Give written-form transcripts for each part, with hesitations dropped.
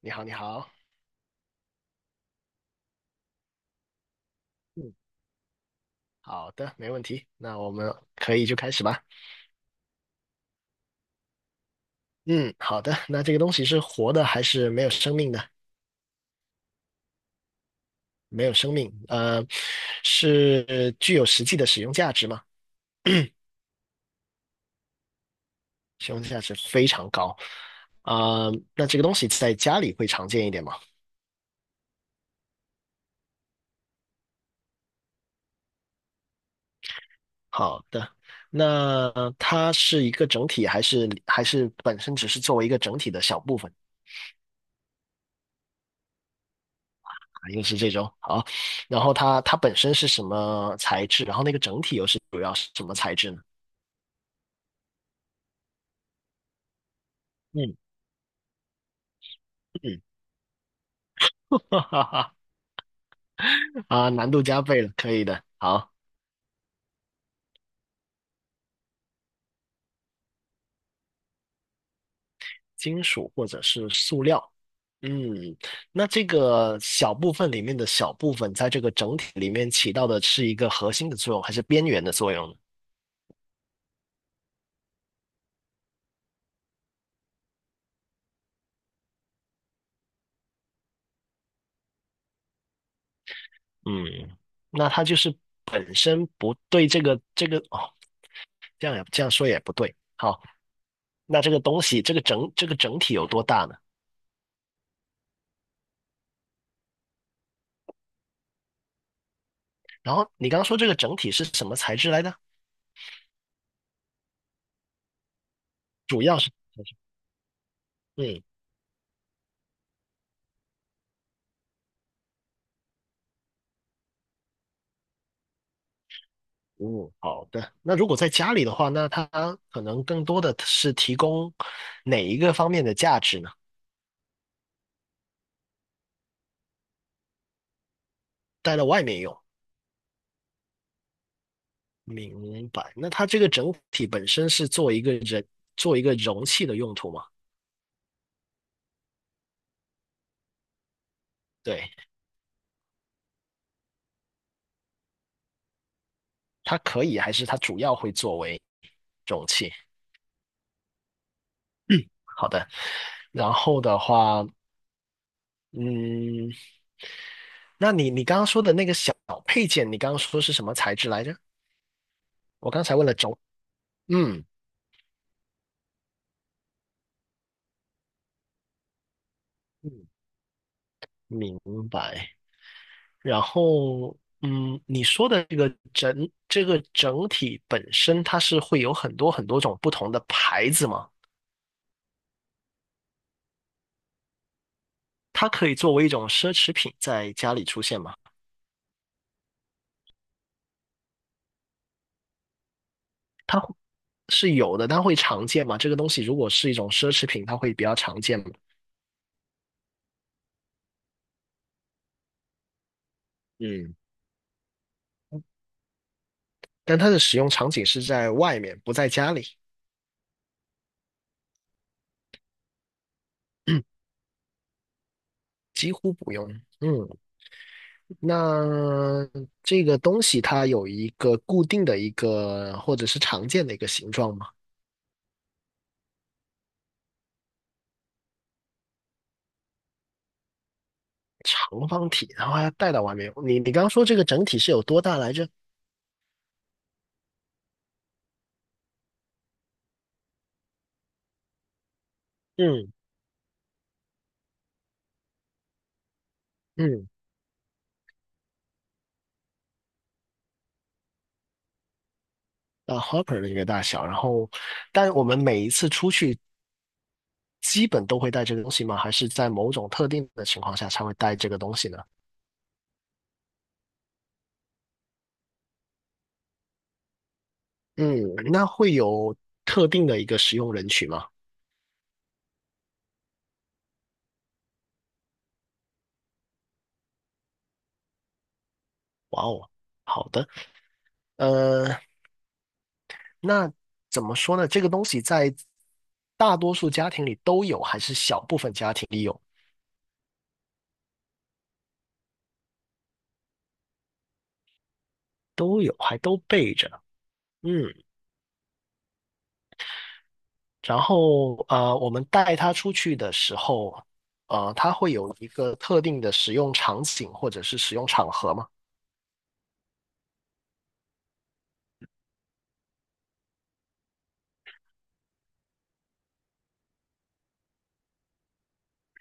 你好，你好，嗯，好的，没问题。那我们可以就开始吧。嗯，好的。那这个东西是活的还是没有生命的？没有生命，是具有实际的使用价值吗？使用价值非常高。啊、那这个东西在家里会常见一点吗？好的。那它是一个整体，还是本身只是作为一个整体的小部分？又是这种好，然后它本身是什么材质？然后那个整体又是主要是什么材质呢？嗯嗯，哈哈哈啊，难度加倍了，可以的。好，金属或者是塑料。嗯，那这个小部分里面的小部分，在这个整体里面起到的是一个核心的作用，还是边缘的作用呢？嗯，那它就是本身不对这个哦，这样也这样说也不对。好，那这个东西，这个整这个整体有多大呢？然后你刚刚说这个整体是什么材质来的？主要是，嗯嗯，好的。那如果在家里的话，那它可能更多的是提供哪一个方面的价值呢？带到外面用，明白。那它这个整体本身是做一个人，做一个容器的用途吗？对，它可以，还是它主要会作为容器？好的。然后的话，嗯，那你刚刚说的那个小配件，你刚刚说是什么材质来着？我刚才问了轴嗯嗯，明白。然后，嗯，你说的这个整这个整体本身，它是会有很多种不同的牌子吗？它可以作为一种奢侈品在家里出现吗？它会是有的，它会常见吗？这个东西如果是一种奢侈品，它会比较常见吗？嗯，但它的使用场景是在外面，不在家里，几乎不用。嗯那这个东西它有一个固定的一个或者是常见的一个形状吗？长方体，然后要带到外面。你刚刚说这个整体是有多大来着？嗯嗯，啊，hopper 的一个大小。然后，但我们每一次出去基本都会带这个东西吗？还是在某种特定的情况下才会带这个东西呢？嗯，那会有特定的一个使用人群吗？哇哦，好的。呃。那怎么说呢？这个东西在大多数家庭里都有，还是小部分家庭里有，都有，还都备着。嗯，然后我们带它出去的时候，它会有一个特定的使用场景或者是使用场合嘛。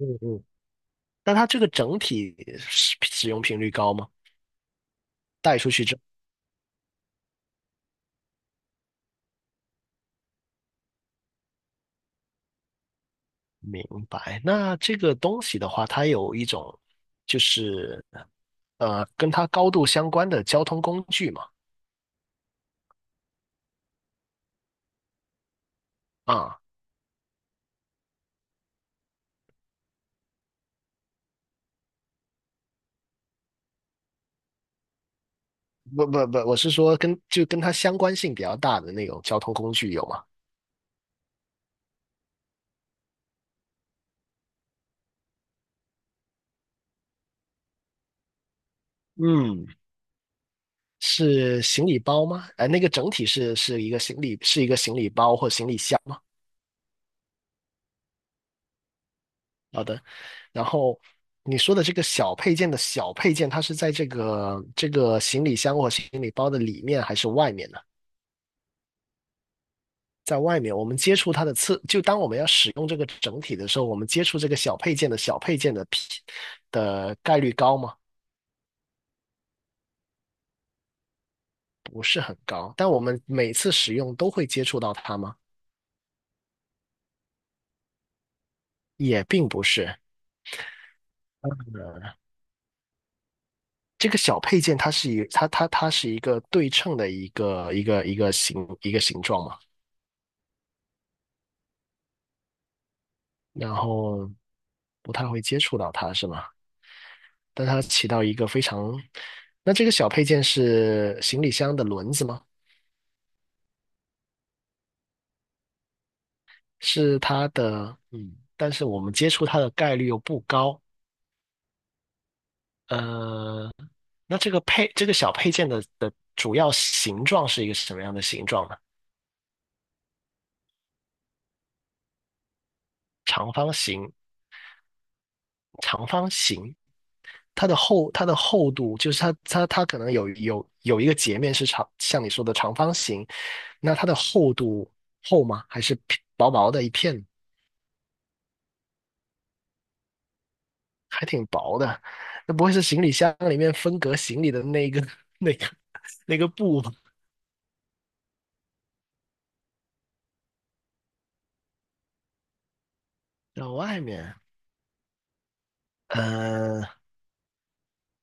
嗯嗯。那它这个整体使使用频率高吗？带出去之后，明白。那这个东西的话，它有一种就是跟它高度相关的交通工具嘛。啊，不不不，我是说跟就跟它相关性比较大的那种交通工具有吗？嗯，是行李包吗？哎，那个整体是是一个行李是一个行李包或行李箱吗？好的。然后你说的这个小配件的小配件，它是在这个行李箱或行李包的里面还是外面呢？在外面，我们接触它的次，就当我们要使用这个整体的时候，我们接触这个小配件的小配件的皮的概率高吗？不是很高，但我们每次使用都会接触到它吗？也并不是。呃，这个小配件它是一它是一个对称的一个一个形一个形状嘛，然后不太会接触到它是吗？但它起到一个非常，那这个小配件是行李箱的轮子吗？是它的，嗯，但是我们接触它的概率又不高。呃，那这个配这个小配件的的主要形状是一个什么样的形状呢？长方形，长方形它的厚它的厚度就是它可能有有一个截面是长，像你说的长方形，那它的厚度厚吗？还是薄薄的一片，还挺薄的？那不会是行李箱里面分隔行李的那个那个那个布吧？然外面，呃，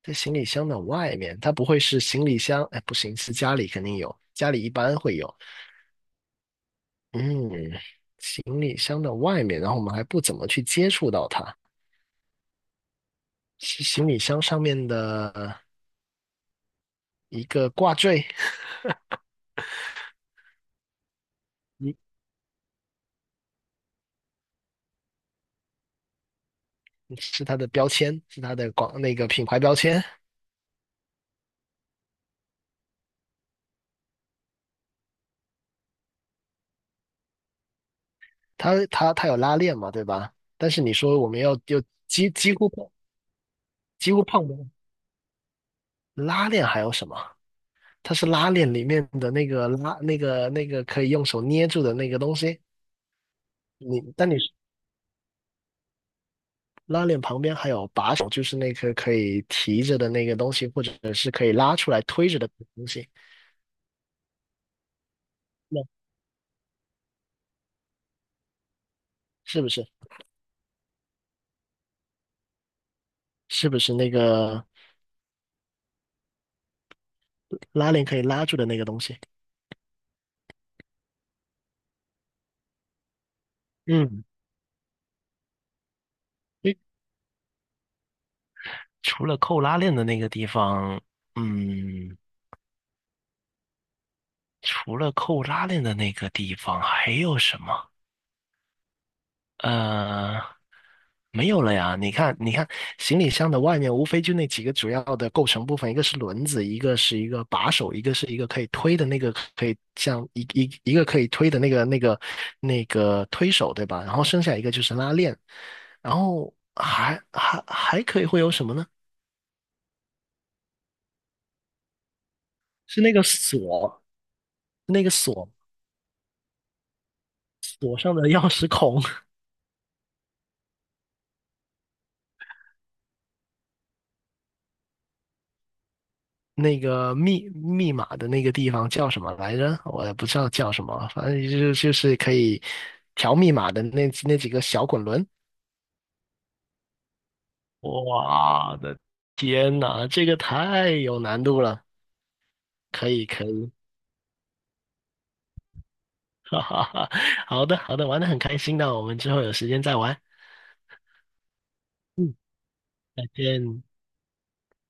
在行李箱的外面，它不会是行李箱？哎，不行，是家里肯定有，家里一般会有。嗯，行李箱的外面，然后我们还不怎么去接触到它，是行李箱上面的一个挂坠，一是它的标签，是它的广那个品牌标签，它有拉链嘛，对吧？但是你说我们要就几几乎几乎碰不到拉链，还有什么？它是拉链里面的那个拉那个那个可以用手捏住的那个东西，你但你拉链旁边还有把手，就是那颗可以提着的那个东西，或者是可以拉出来推着的东西。那是不是？是不是那个拉链可以拉住的那个东西？嗯，诶除了扣拉链的那个地方，嗯，除了扣拉链的那个地方，还有什么？呃，没有了呀。你看，你看，行李箱的外面无非就那几个主要的构成部分，一个是轮子，一个是一个把手，一个是一个可以推的那个，可以像一个可以推的那个那个那个推手，对吧？然后剩下一个就是拉链，然后还可以会有什么呢？是那个锁，那个锁锁上的钥匙孔。那个密密码的那个地方叫什么来着？我也不知道叫什么，反正就就是可以调密码的那那几个小滚轮。哇的天呐，这个太有难度了！可以可以，哈哈哈，好的好的，玩的很开心的，我们之后有时间再玩。嗯，再见。